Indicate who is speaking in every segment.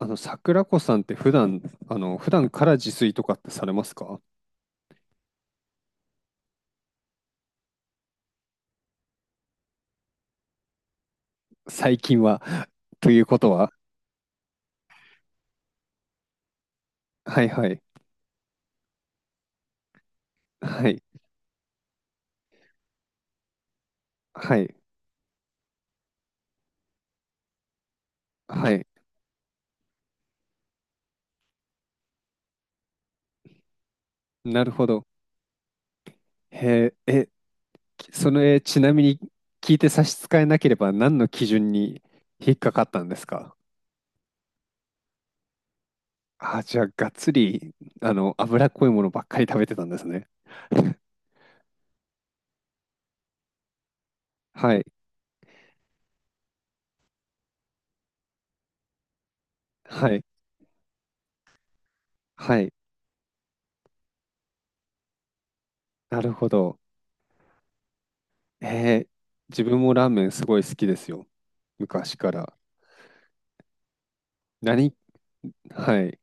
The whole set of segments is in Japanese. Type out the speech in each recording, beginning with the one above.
Speaker 1: 桜子さんって普段から自炊とかってされますか？最近は。ということは、はいはい、はい、はい、はい。なるほど。へえ、ちなみに聞いて差し支えなければ何の基準に引っかかったんですか？あ、じゃあ、がっつり、脂っこいものばっかり食べてたんですね。はい、はい、はい。なるほど。えー自分もラーメンすごい好きですよ。昔から。何はい。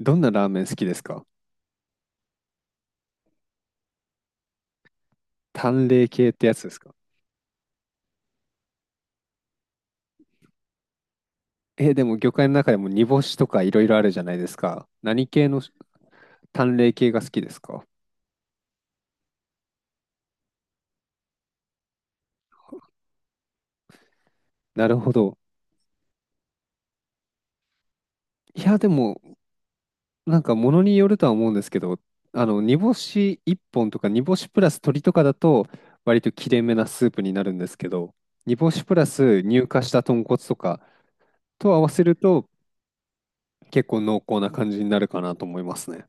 Speaker 1: どんなラーメン好きですか？淡麗系ってやつですか？え、でも魚介の中でも煮干しとかいろいろあるじゃないですか。何系の淡麗系が好きですか？なるほど。いや、でも、なんか物によるとは思うんですけど、煮干し1本とか煮干しプラス鶏とかだと、割と切れ目なスープになるんですけど、煮干しプラス乳化した豚骨とかと合わせると、結構濃厚な感じになるかなと思いますね。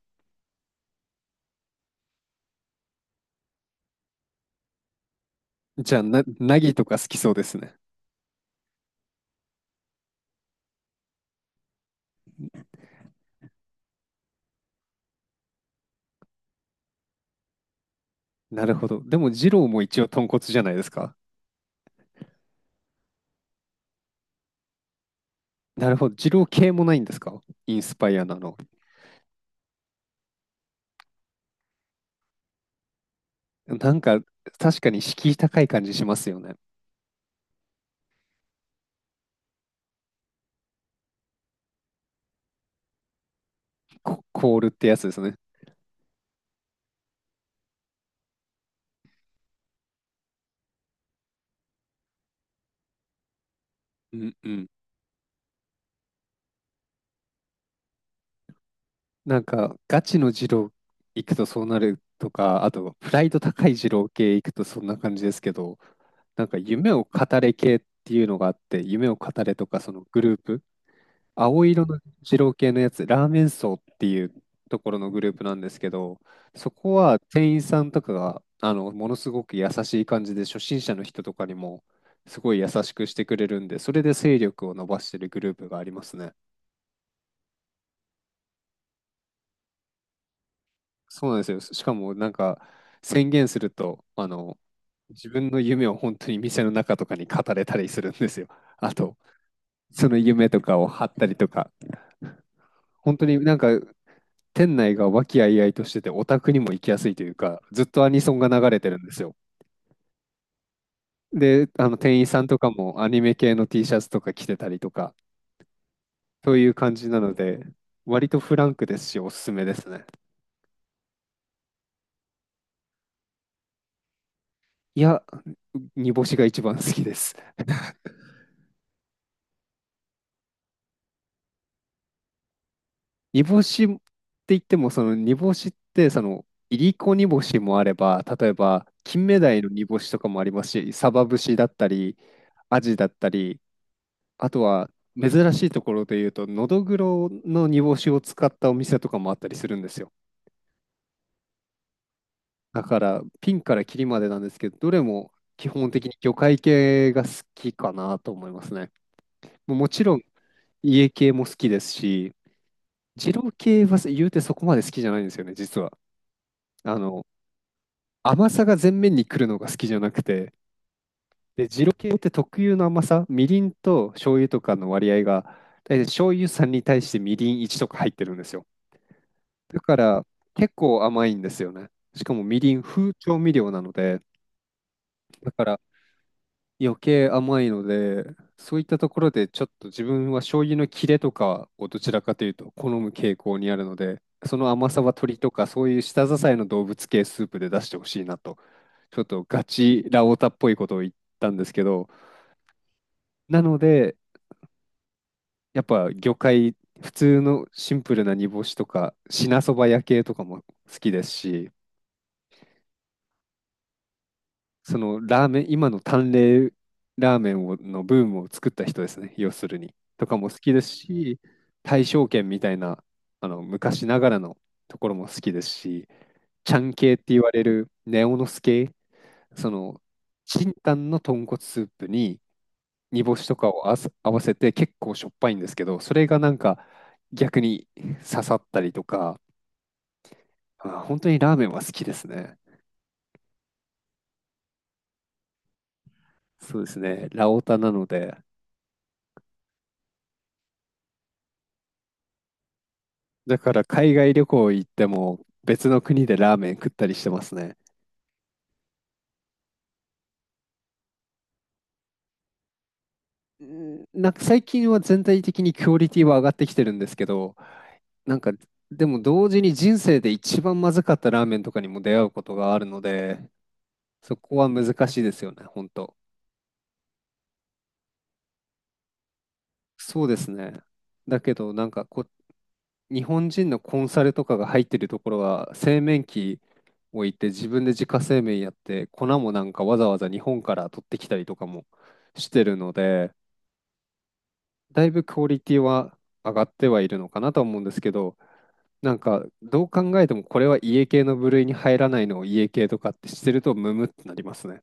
Speaker 1: じゃあ、ナギとか好きそうですね。なるほど。でも、二郎も一応豚骨じゃないですか。なるほど。二郎系もないんですか？インスパイアなの。なんか、確かに敷居高い感じしますよね。コールってやつですね。うんうん。なんか、ガチの二郎行くとそうなるとか、あと、プライド高い二郎系行くとそんな感じですけど、なんか、夢を語れ系っていうのがあって、夢を語れとか、そのグループ、青色の二郎系のやつ、ラーメン荘っていうところのグループなんですけど、そこは店員さんとかが、あの、ものすごく優しい感じで、初心者の人とかにも、すごい優しくしてくれるんで、それで勢力を伸ばしてるグループがありますね。そうなんですよ。しかも、なんか、宣言すると、自分の夢を本当に店の中とかに語れたりするんですよ。あと、その夢とかを貼ったりとか、本当になんか店内が和気あいあいとしてて、オタクにも行きやすいというか、ずっとアニソンが流れてるんですよ。で、あの店員さんとかもアニメ系の T シャツとか着てたりとか、という感じなので、割とフランクですし、おすすめですね。いや、煮干しが一番好きです。煮干しって言っても、その煮干しって、いりこ煮干しもあれば、例えば、金目鯛の煮干しとかもありますし、サバ節だったり、アジだったり、あとは、珍しいところで言うと、のどぐろの煮干しを使ったお店とかもあったりするんですよ。だから、ピンからキリまでなんですけど、どれも基本的に魚介系が好きかなと思いますね。もうもちろん、家系も好きですし、二郎系は言うてそこまで好きじゃないんですよね、実は。あの、甘さが前面に来るのが好きじゃなくて、で、二郎系って特有の甘さ、みりんと醤油とかの割合が、大体醤油3に対してみりん1とか入ってるんですよ。だから結構甘いんですよね。しかもみりん、風調味料なので、だから余計甘いので、そういったところでちょっと自分は醤油の切れとかをどちらかというと好む傾向にあるので、その甘さは鶏とかそういう舌支えの動物系スープで出してほしいなと、ちょっとガチラオタっぽいことを言ったんですけど、なので、やっぱ魚介、普通のシンプルな煮干しとか、品そば焼系とかも好きですし、そのラーメン、今の淡麗ラーメンをのブームを作った人ですね、要するに。とかも好きですし、大正軒みたいな、あの、昔ながらのところも好きですし、ちゃん系って言われるネオノス系、その、チンタンの豚骨スープに煮干しとかをあわせ合わせて結構しょっぱいんですけど、それがなんか逆に刺さったりとか、あ、本当にラーメンは好きですね。そうですね、ラオタなので。だから海外旅行行っても別の国でラーメン食ったりしてますね。うんなんか最近は全体的にクオリティは上がってきてるんですけど、なんかでも同時に人生で一番まずかったラーメンとかにも出会うことがあるので、そこは難しいですよね、本当。そうですね。だけどなんかこう、日本人のコンサルとかが入ってるところは製麺機置いて自分で自家製麺やって粉もなんかわざわざ日本から取ってきたりとかもしてるので。だいぶクオリティは上がってはいるのかなと思うんですけど、なんかどう考えてもこれは家系の部類に入らないのを家系とかってしてるとムムってなりますね。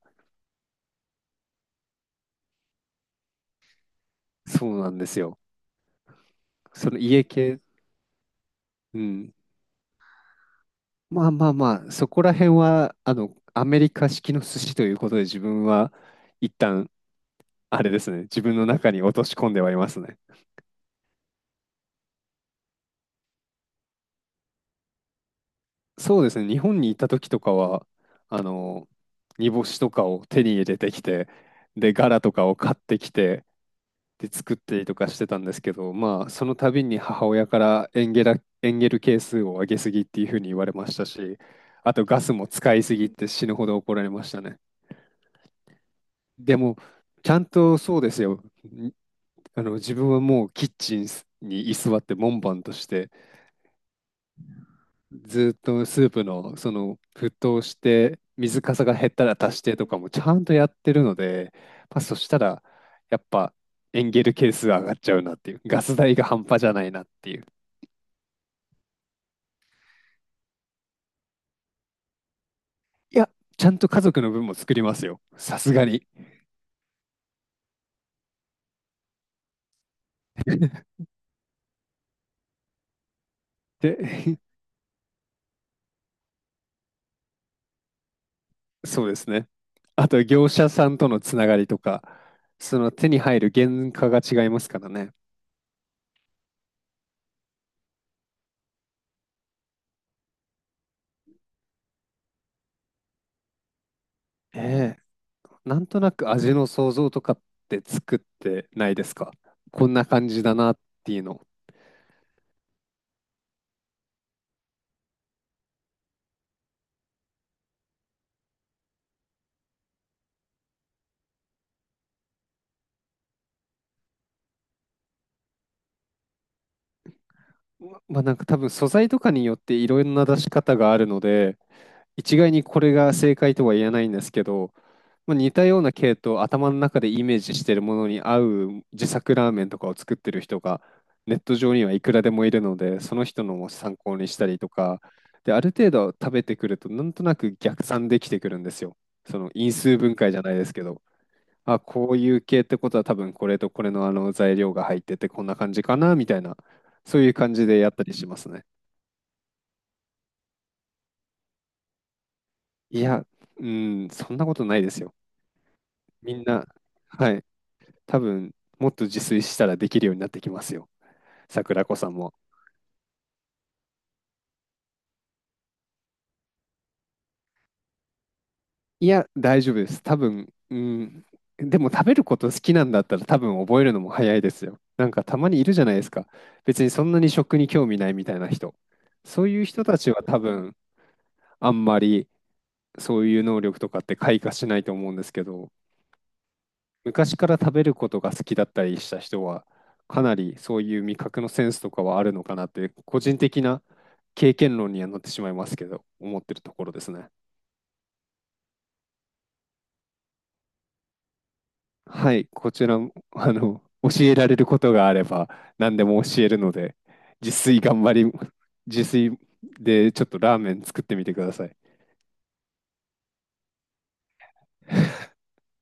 Speaker 1: そうなんですよ。その家系、うん。まあまあまあ、そこら辺はあのアメリカ式の寿司ということで自分は一旦あれですね、自分の中に落とし込んではいますね。そうですね、日本に行った時とかは、あの、煮干しとかを手に入れてきて、で、ガラとかを買ってきて、で作ったりとかしてたんですけど、まあ、その度に母親からエンゲル係数を上げすぎっていうふうに言われましたし、あとガスも使いすぎって死ぬほど怒られましたね。でも、ちゃんとそうですよ。ん自分はもうキッチンに居座って門番として、ずっとスープのその沸騰して、水かさが減ったら足してとかもちゃんとやってるので、まあ、そしたら、やっぱエンゲル係数上がっちゃうなっていう、ガス代が半端じゃないなっていう。いや、ちゃんと家族の分も作りますよ。さすがに。で、そうですね。あと、業者さんとのつながりとか、その手に入る原価が違いますからね。ええ、なんとなく味の想像とかって作ってないですか？こんな感じだなっていうの。まあなんか多分素材とかによっていろんな出し方があるので、一概にこれが正解とは言えないんですけど、まあ、似たような系統、頭の中でイメージしてるものに合う自作ラーメンとかを作ってる人がネット上にはいくらでもいるので、その人のも参考にしたりとか、で、ある程度食べてくると、なんとなく逆算できてくるんですよ。その因数分解じゃないですけど、あ、こういう系ってことは多分これとこれのあの材料が入っててこんな感じかなみたいな、そういう感じでやったりしますね。いや、うん、そんなことないですよ。みんな、はい。多分もっと自炊したらできるようになってきますよ。桜子さんも。いや、大丈夫です。多分、ん、でも食べること好きなんだったら多分覚えるのも早いですよ。なんかたまにいるじゃないですか。別にそんなに食に興味ないみたいな人。そういう人たちは多分あんまりそういう能力とかって開花しないと思うんですけど。昔から食べることが好きだったりした人は、かなりそういう味覚のセンスとかはあるのかなって、個人的な経験論にはなってしまいますけど、思ってるところですね。はい、こちらも、教えられることがあれば、何でも教えるので、自炊頑張り、自炊でちょっとラーメン作ってみてください。